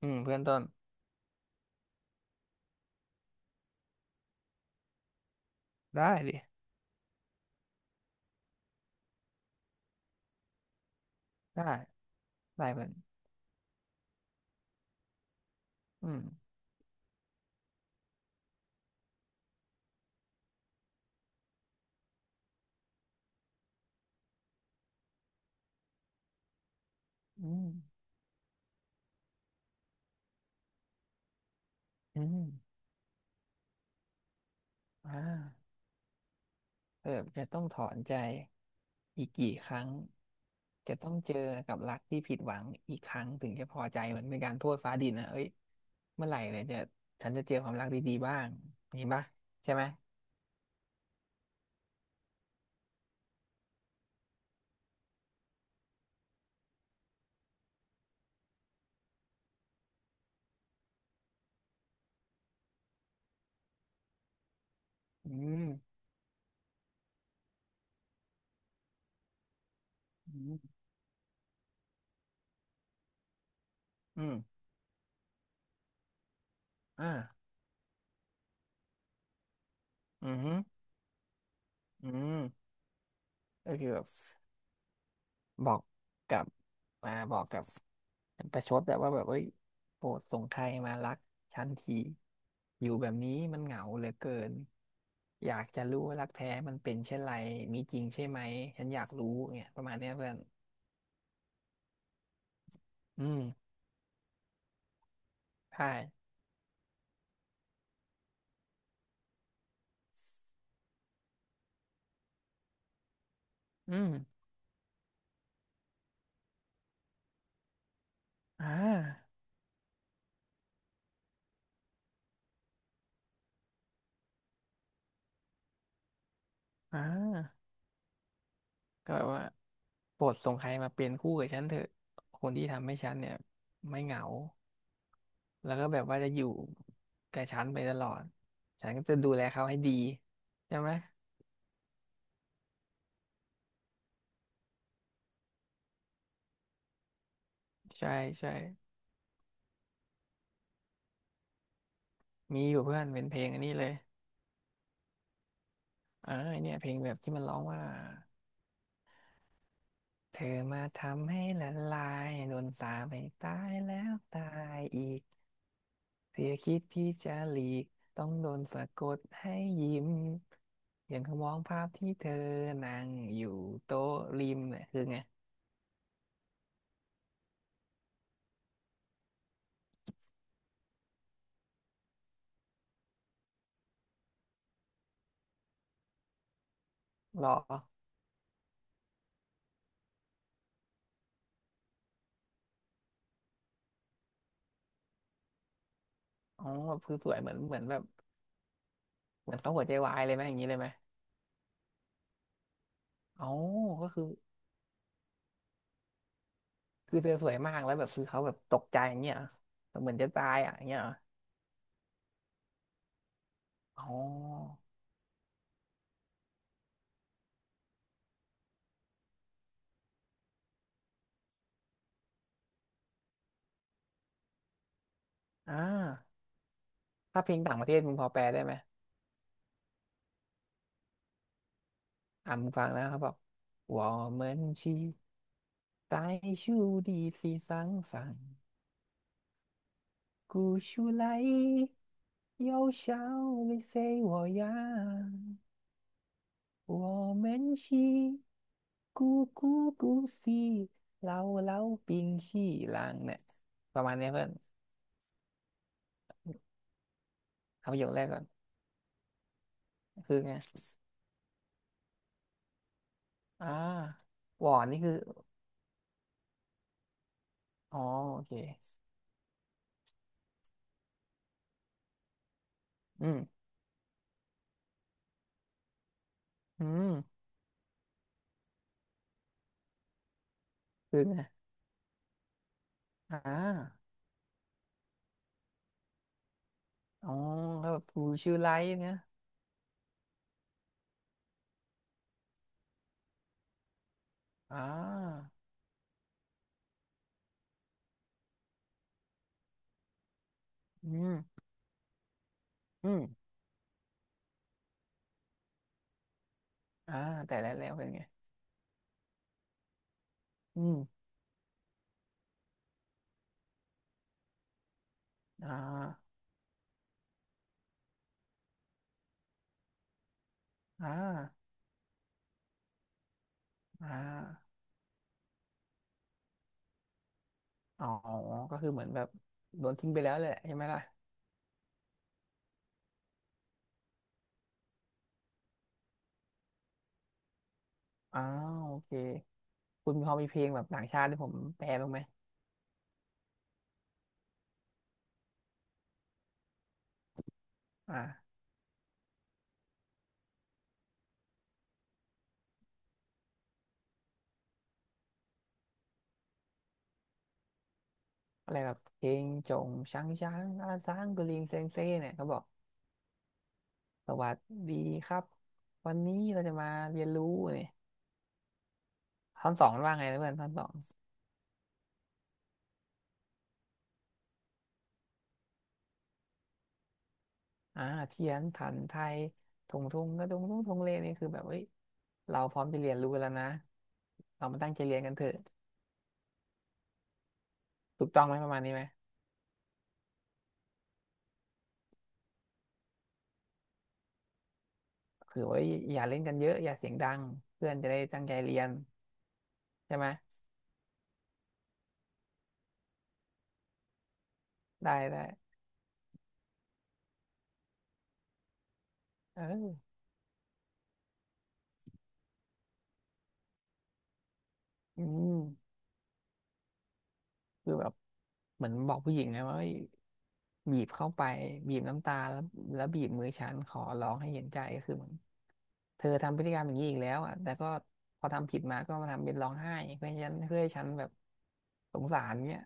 อืมเพื่อนต้นได้ดิได้ได้เพื่อนอืมอืมอืมอ่าเออจะต้องถอนใจอีกกี่ครั้งจะต้องเจอกับรักที่ผิดหวังอีกครั้งถึงจะพอใจเหมือนเป็นการโทษฟ้าดินนะเอ้ยเมื่อไหร่เนี่ยจะฉันจะเจอความรักดีๆบ้างมีปะใช่ไหมอืมอืมอืมอ่าอืมอหืออืมก็คือแบบ บอกกับมาบอกกับประชดแบบว่าแบบเอ้ยโปรดส่งใครมารักฉันทีอยู่แบบนี้มันเหงาเหลือเกินอยากจะรู้ว่ารักแท้มันเป็นเช่นไรมีจริงใช่ไหมฉันอยากรู้เนี่ยประมาณเนี้ยเพื่อนอืมใช่อืมอ่าอ่าก็แบบว่าโปรดส่งใครมาเป็นคู่กับฉันเถอะคนที่ทำให้ฉันเนี่ยไม่เหงาแล้วก็แบบว่าจะอยู่กับฉันไปตลอดฉันก็จะดูแลเขาให้ดีใช่ไหม ใช่ใช่มีอยู่เพื่อนเป็นเพลงอันนี้เลยเออเนี่ยเพลงแบบที่มันร้องว่าเธอมาทำให้ละลายโดนสาปให้ตายแล้วตายอีกเธอคิดที่จะหลีกต้องโดนสะกดให้ยิ้มอย่างเขามองภาพที่เธอนั่งอยู่โต๊ะริมเนี่ยคือไงหรออ๋อคือสวยเหมือนเหมือนแบบเหมือนเขาหัวใจวายเลยไหมอย่างนี้เลยไหมอ๋อก็คือคือเธอสวยมากแล้วแบบคือเขาแบบตกใจอย่างเงี้ยเหรอเหมือนจะตายอ่ะอย่างเงี้ยเหรอ อ๋ออ่าถ้าเพลงต่างประเทศมึงพอแปลได้ไหมมึงฟังนะเขาบอกว่าเหมือนช我们是在树的地上上，古树来又笑น谁我呀？ู们是咕咕咕西เราเราปิงชี่ลางเนี่ยประมาณเนี้ยเพื่อนเอาประโยคแรกก่อน คือไงอ่าหวอนนี่คือ อ๋อโอเคอืมอืมคือไงอ่า อ๋อก็แบบผูชื่อไลท์เนี่ยอ่าอืม อืมอ่าแต่แล้วเป็นไงอืมอ่าอ่าอ่าอ๋อก็คือเหมือนแบบโดนทิ้งไปแล้วแหละใช่ไหมล่ะอ้าวโอเคคุณพอมีเพลงแบบต่างชาติที่ผมแปลบ้างไหมอ่าอะไรแบบเพลงจงช้างช้างอาซางกุลิงเซงเซ่เนี่ยเขาบอกสวัสดีครับวันนี้เราจะมาเรียนรู้เนี่ยท่อนสองมันว่าไงนะเพื่อนท่อนสอง อ่าเพี้ยนผันไทยทงทุงกระทุงทงทงเลนี่คือแบบเฮ้ยเราพร้อมจะเรียนรู้กันแล้วนะเรามาตั้งใจเรียนกันเถอะถูกต้องไหมประมาณนี้ไหมคือว่าอย่าเล่นกันเยอะอย่าเสียงดังเพื่อนจะได้ตั้งใจเรียนใช่ไหมได้ได้เอออืม คือแบบเหมือนบอกผู้หญิงไงว่าเอ้ยบีบเข้าไปบีบน้ำตาแล้วบีบมือฉันขอร้องให้เห็นใจก็คือเหมือนเธอทำพฤติกรรมอย่างนี้อีกแล้วอ่ะแต่ก็พอทำผิดมาก็มาทำเป็นร้องไห้เพื่อให้ฉันเพื่อให้ฉันแบบสงสารเนี้ย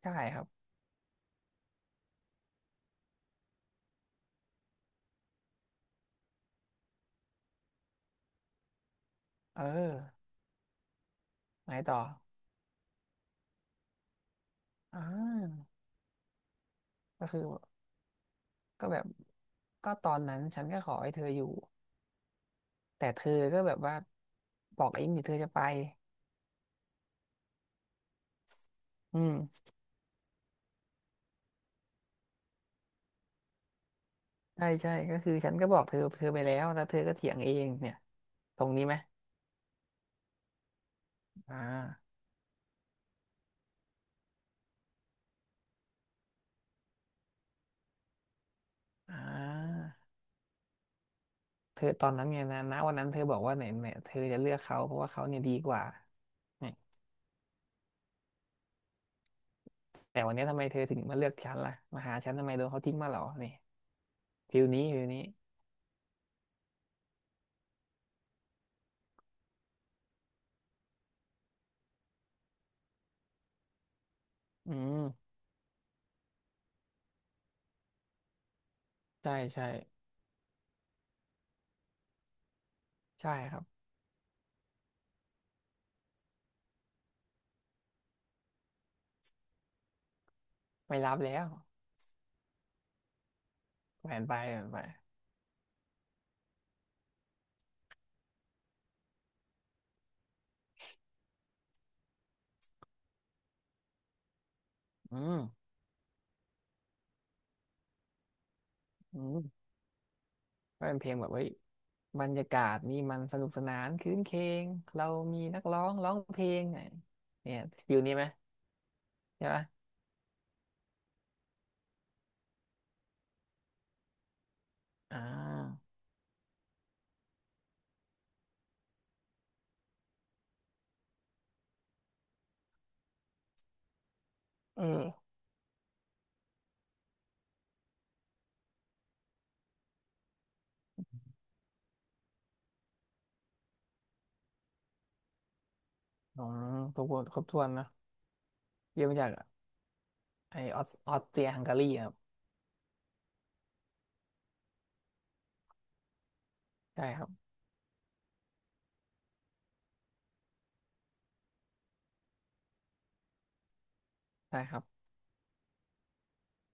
ใช่ครับเออไหนต่ออ่าก็คือก็แบบก็ตอนนั้นฉันก็ขอให้เธออยู่แต่เธอก็แบบว่าบอกเองดิเธอจะไปอืมใช่ใช่ก็คือฉันก็บอกเธอเธอไปแล้วแล้วเธอก็เถียงเองเนี่ย ตรงนี้ไหม อ่าอ่าเธอตอนนั้นไงนะณวันนั้นเธอบอกว่าเนี่ยเนี่ยเธอจะเลือกเขาเพราะว่าเขาเนี่ยดีกว่าเนี่ยแต่วันนี้ทำไมเธอถึงมาเลือกฉันล่ะมาหาฉันทำไมโดนเขาทิ้งมาเหรอนี่ฟิลนี้ฟิลนี้อืมใช่ใช่ใช่ครับไม่รับแล้วแหวนไปแหวนไปอืมอืมก็เป็นเพลงแบบเฮ้ยบรรยากาศนี่มันสนุกสนานครื้นเคงเรามีนักร้องร้องเพลงเนี่ยเนี่ยฟิลนี้ไหมใช่ปะอ่าเอออืมครบถ้วนครบถ้วนนะ ยืมมาจากไอออสออสเตรียฮังการีครับใช่ครับใช่ครับ